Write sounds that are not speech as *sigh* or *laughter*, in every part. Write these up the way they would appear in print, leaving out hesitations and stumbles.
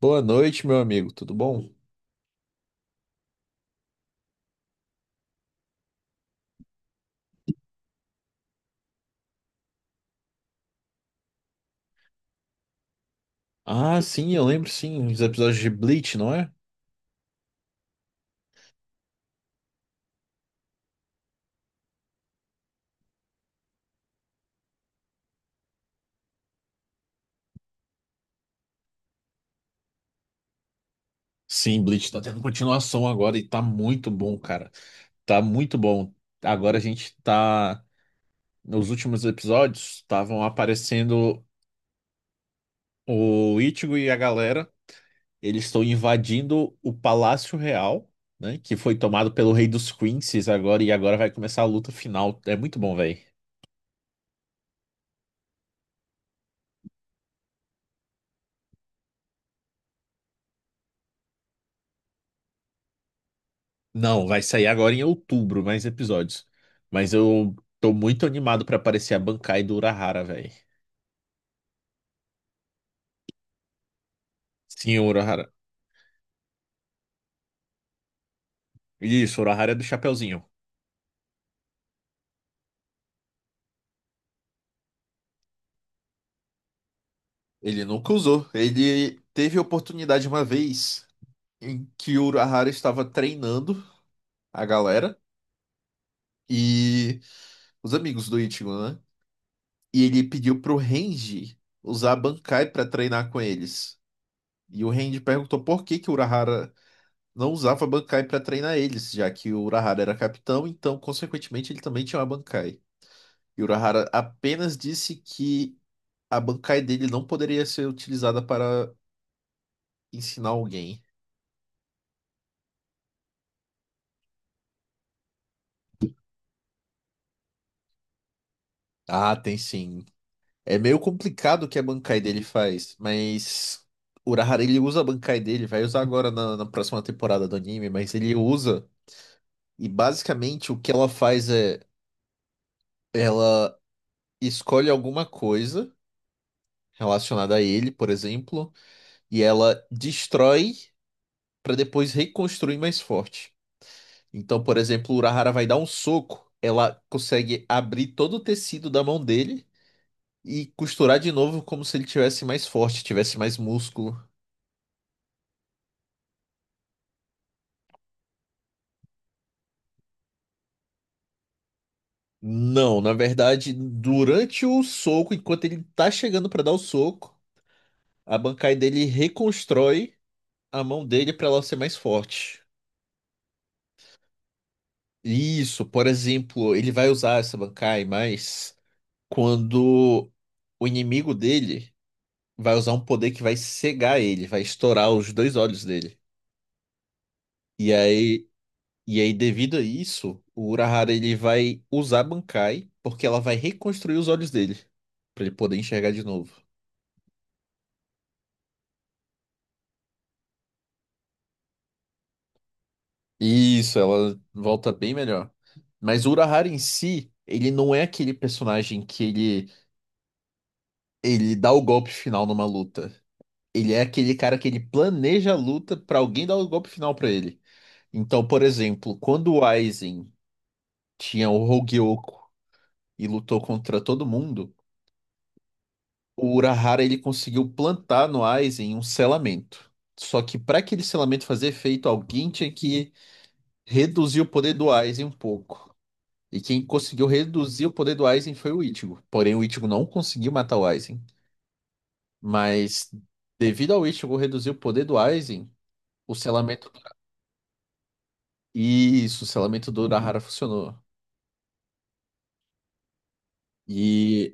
Boa noite, meu amigo, tudo bom? Ah, sim, eu lembro sim, os episódios de Bleach, não é? Sim, Bleach tá tendo continuação agora e tá muito bom, cara. Tá muito bom. Agora a gente tá. Nos últimos episódios, estavam aparecendo o Ichigo e a galera. Eles estão invadindo o Palácio Real, né? Que foi tomado pelo Rei dos Quincies agora, e agora vai começar a luta final. É muito bom, velho. Não, vai sair agora em outubro, mais episódios. Mas eu tô muito animado pra aparecer a Bankai do Urahara, velho. Sim, o Urahara. Isso, o Urahara é do Chapeuzinho. Ele nunca usou. Ele teve oportunidade uma vez em que o Urahara estava treinando a galera e os amigos do Ichigo, né? E ele pediu pro Renji usar a Bankai para treinar com eles. E o Renji perguntou por que que o Urahara não usava Bankai para treinar eles, já que o Urahara era capitão, então, consequentemente, ele também tinha uma Bankai. E o Urahara apenas disse que a Bankai dele não poderia ser utilizada para ensinar alguém. Ah, tem sim. É meio complicado o que a Bankai dele faz, mas o Urahara ele usa a Bankai dele, vai usar agora na próxima temporada do anime, mas ele usa e basicamente o que ela faz é ela escolhe alguma coisa relacionada a ele, por exemplo. E ela destrói para depois reconstruir mais forte. Então, por exemplo, o Urahara vai dar um soco, ela consegue abrir todo o tecido da mão dele e costurar de novo como se ele tivesse mais forte, tivesse mais músculo. Não, na verdade, durante o soco, enquanto ele tá chegando para dar o soco, a Bankai dele reconstrói a mão dele para ela ser mais forte. Isso, por exemplo, ele vai usar essa Bankai mais quando o inimigo dele vai usar um poder que vai cegar ele, vai estourar os dois olhos dele. E aí, e aí devido a isso, o Urahara ele vai usar a Bankai porque ela vai reconstruir os olhos dele pra ele poder enxergar de novo. Isso, ela volta bem melhor. Mas o Urahara em si, ele não é aquele personagem que ele dá o golpe final numa luta. Ele é aquele cara que ele planeja a luta pra alguém dar o golpe final pra ele. Então, por exemplo, quando o Aizen tinha o Hogyoku e lutou contra todo mundo, o Urahara ele conseguiu plantar no Aizen um selamento. Só que para aquele selamento fazer efeito, alguém tinha que reduzir o poder do Aizen um pouco. E quem conseguiu reduzir o poder do Aizen foi o Ichigo. Porém, o Ichigo não conseguiu matar o Aizen. Mas, devido ao Ichigo reduzir o poder do Aizen, o selamento... Isso, o selamento do Urahara funcionou. E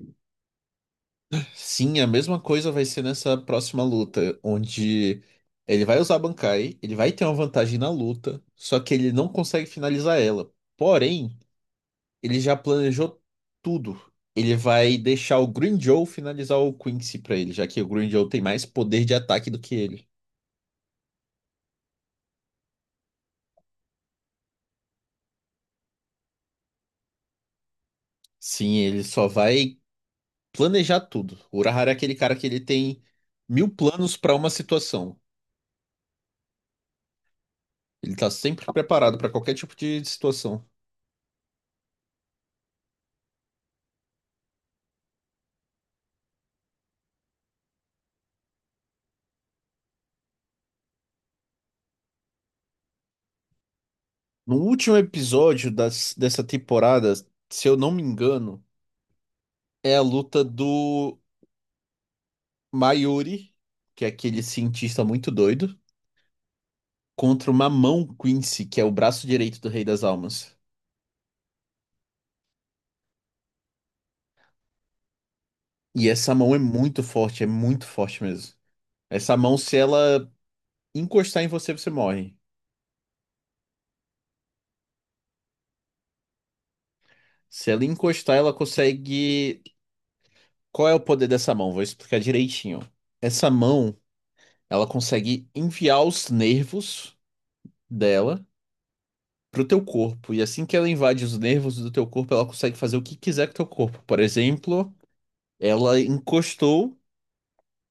sim, a mesma coisa vai ser nessa próxima luta, onde ele vai usar a Bankai, ele vai ter uma vantagem na luta, só que ele não consegue finalizar ela. Porém, ele já planejou tudo. Ele vai deixar o Green Joe finalizar o Quincy pra ele, já que o Green Joe tem mais poder de ataque do que ele. Sim, ele só vai planejar tudo. O Urahara é aquele cara que ele tem 1000 planos pra uma situação. Ele tá sempre preparado pra qualquer tipo de situação. No último episódio dessa temporada, se eu não me engano, é a luta do Mayuri, que é aquele cientista muito doido, contra uma mão Quincy, que é o braço direito do Rei das Almas. E essa mão é muito forte mesmo. Essa mão, se ela encostar em você, você morre. Se ela encostar, ela consegue. Qual é o poder dessa mão? Vou explicar direitinho. Essa mão, ela consegue enviar os nervos dela pro teu corpo. E assim que ela invade os nervos do teu corpo, ela consegue fazer o que quiser com o teu corpo. Por exemplo, ela encostou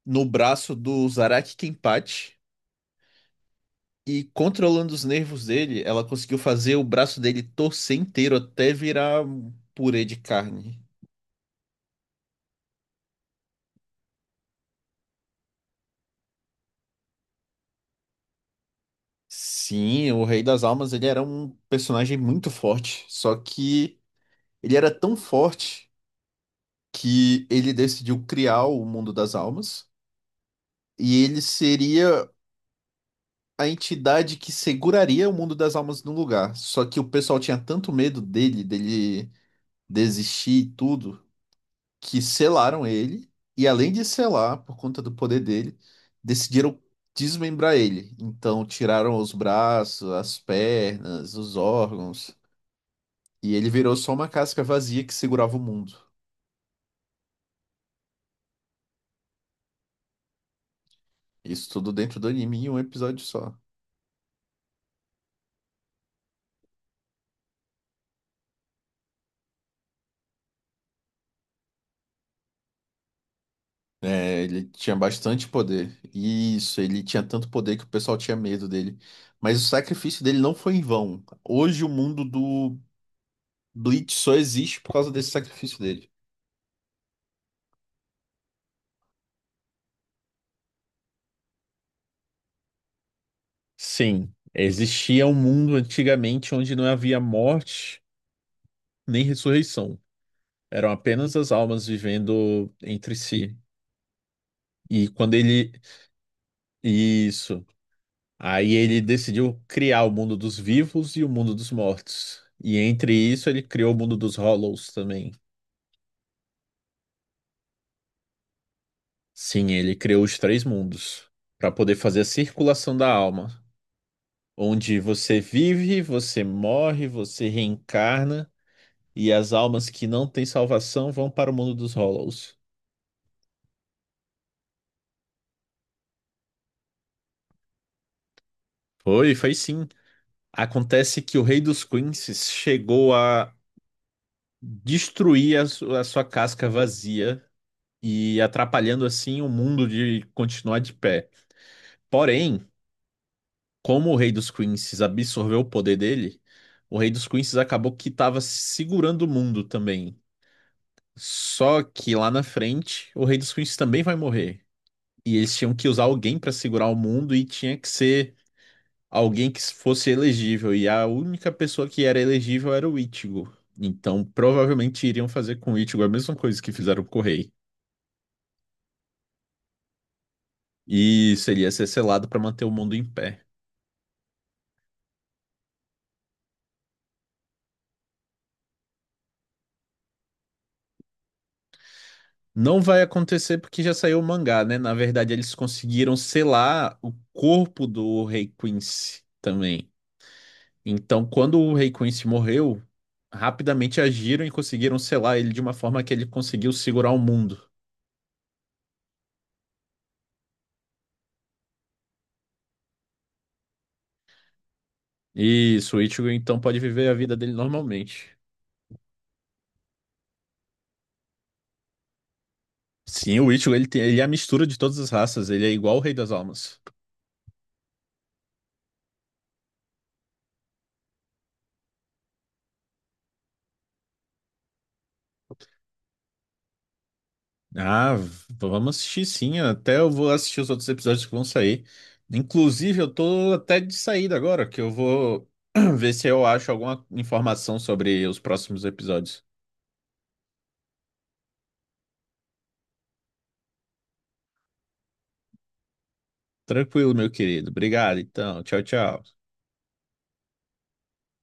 no braço do Zaraki Kenpachi e controlando os nervos dele, ela conseguiu fazer o braço dele torcer inteiro até virar um purê de carne. Sim, o Rei das Almas, ele era um personagem muito forte, só que ele era tão forte que ele decidiu criar o Mundo das Almas e ele seria a entidade que seguraria o mundo das almas no lugar. Só que o pessoal tinha tanto medo dele, dele desistir e tudo, que selaram ele. E além de selar, por conta do poder dele, decidiram desmembrar ele. Então tiraram os braços, as pernas, os órgãos. E ele virou só uma casca vazia que segurava o mundo. Isso tudo dentro do anime em 1 episódio só. É, ele tinha bastante poder. Isso, ele tinha tanto poder que o pessoal tinha medo dele. Mas o sacrifício dele não foi em vão. Hoje o mundo do Bleach só existe por causa desse sacrifício dele. Sim, existia um mundo antigamente onde não havia morte nem ressurreição. Eram apenas as almas vivendo entre si. E quando ele. Isso. Aí ele decidiu criar o mundo dos vivos e o mundo dos mortos. E entre isso ele criou o mundo dos Hollows também. Sim, ele criou os 3 mundos para poder fazer a circulação da alma, onde você vive, você morre, você reencarna e as almas que não têm salvação vão para o mundo dos Hollows. Foi, foi sim. Acontece que o Rei dos Quinces chegou a destruir a sua casca vazia e atrapalhando assim o mundo de continuar de pé. Porém, como o Rei dos Queens absorveu o poder dele, o Rei dos Queens acabou que estava segurando o mundo também. Só que lá na frente, o Rei dos Queens também vai morrer. E eles tinham que usar alguém para segurar o mundo e tinha que ser alguém que fosse elegível. E a única pessoa que era elegível era o Ichigo. Então, provavelmente iriam fazer com o Ichigo a mesma coisa que fizeram com o Rei. E seria ser selado para manter o mundo em pé. Não vai acontecer porque já saiu o mangá, né? Na verdade, eles conseguiram selar o corpo do Rei Quincy também. Então, quando o Rei Quincy morreu, rapidamente agiram e conseguiram selar ele de uma forma que ele conseguiu segurar o mundo. Isso, o Ichigo então pode viver a vida dele normalmente. Sim, o Ichigo ele tem, ele é a mistura de todas as raças, ele é igual o Rei das Almas. Ah, vamos assistir sim. Até eu vou assistir os outros episódios que vão sair. Inclusive, eu tô até de saída agora, que eu vou *clears throat* ver se eu acho alguma informação sobre os próximos episódios. Tranquilo, meu querido. Obrigado, então. Tchau, tchau.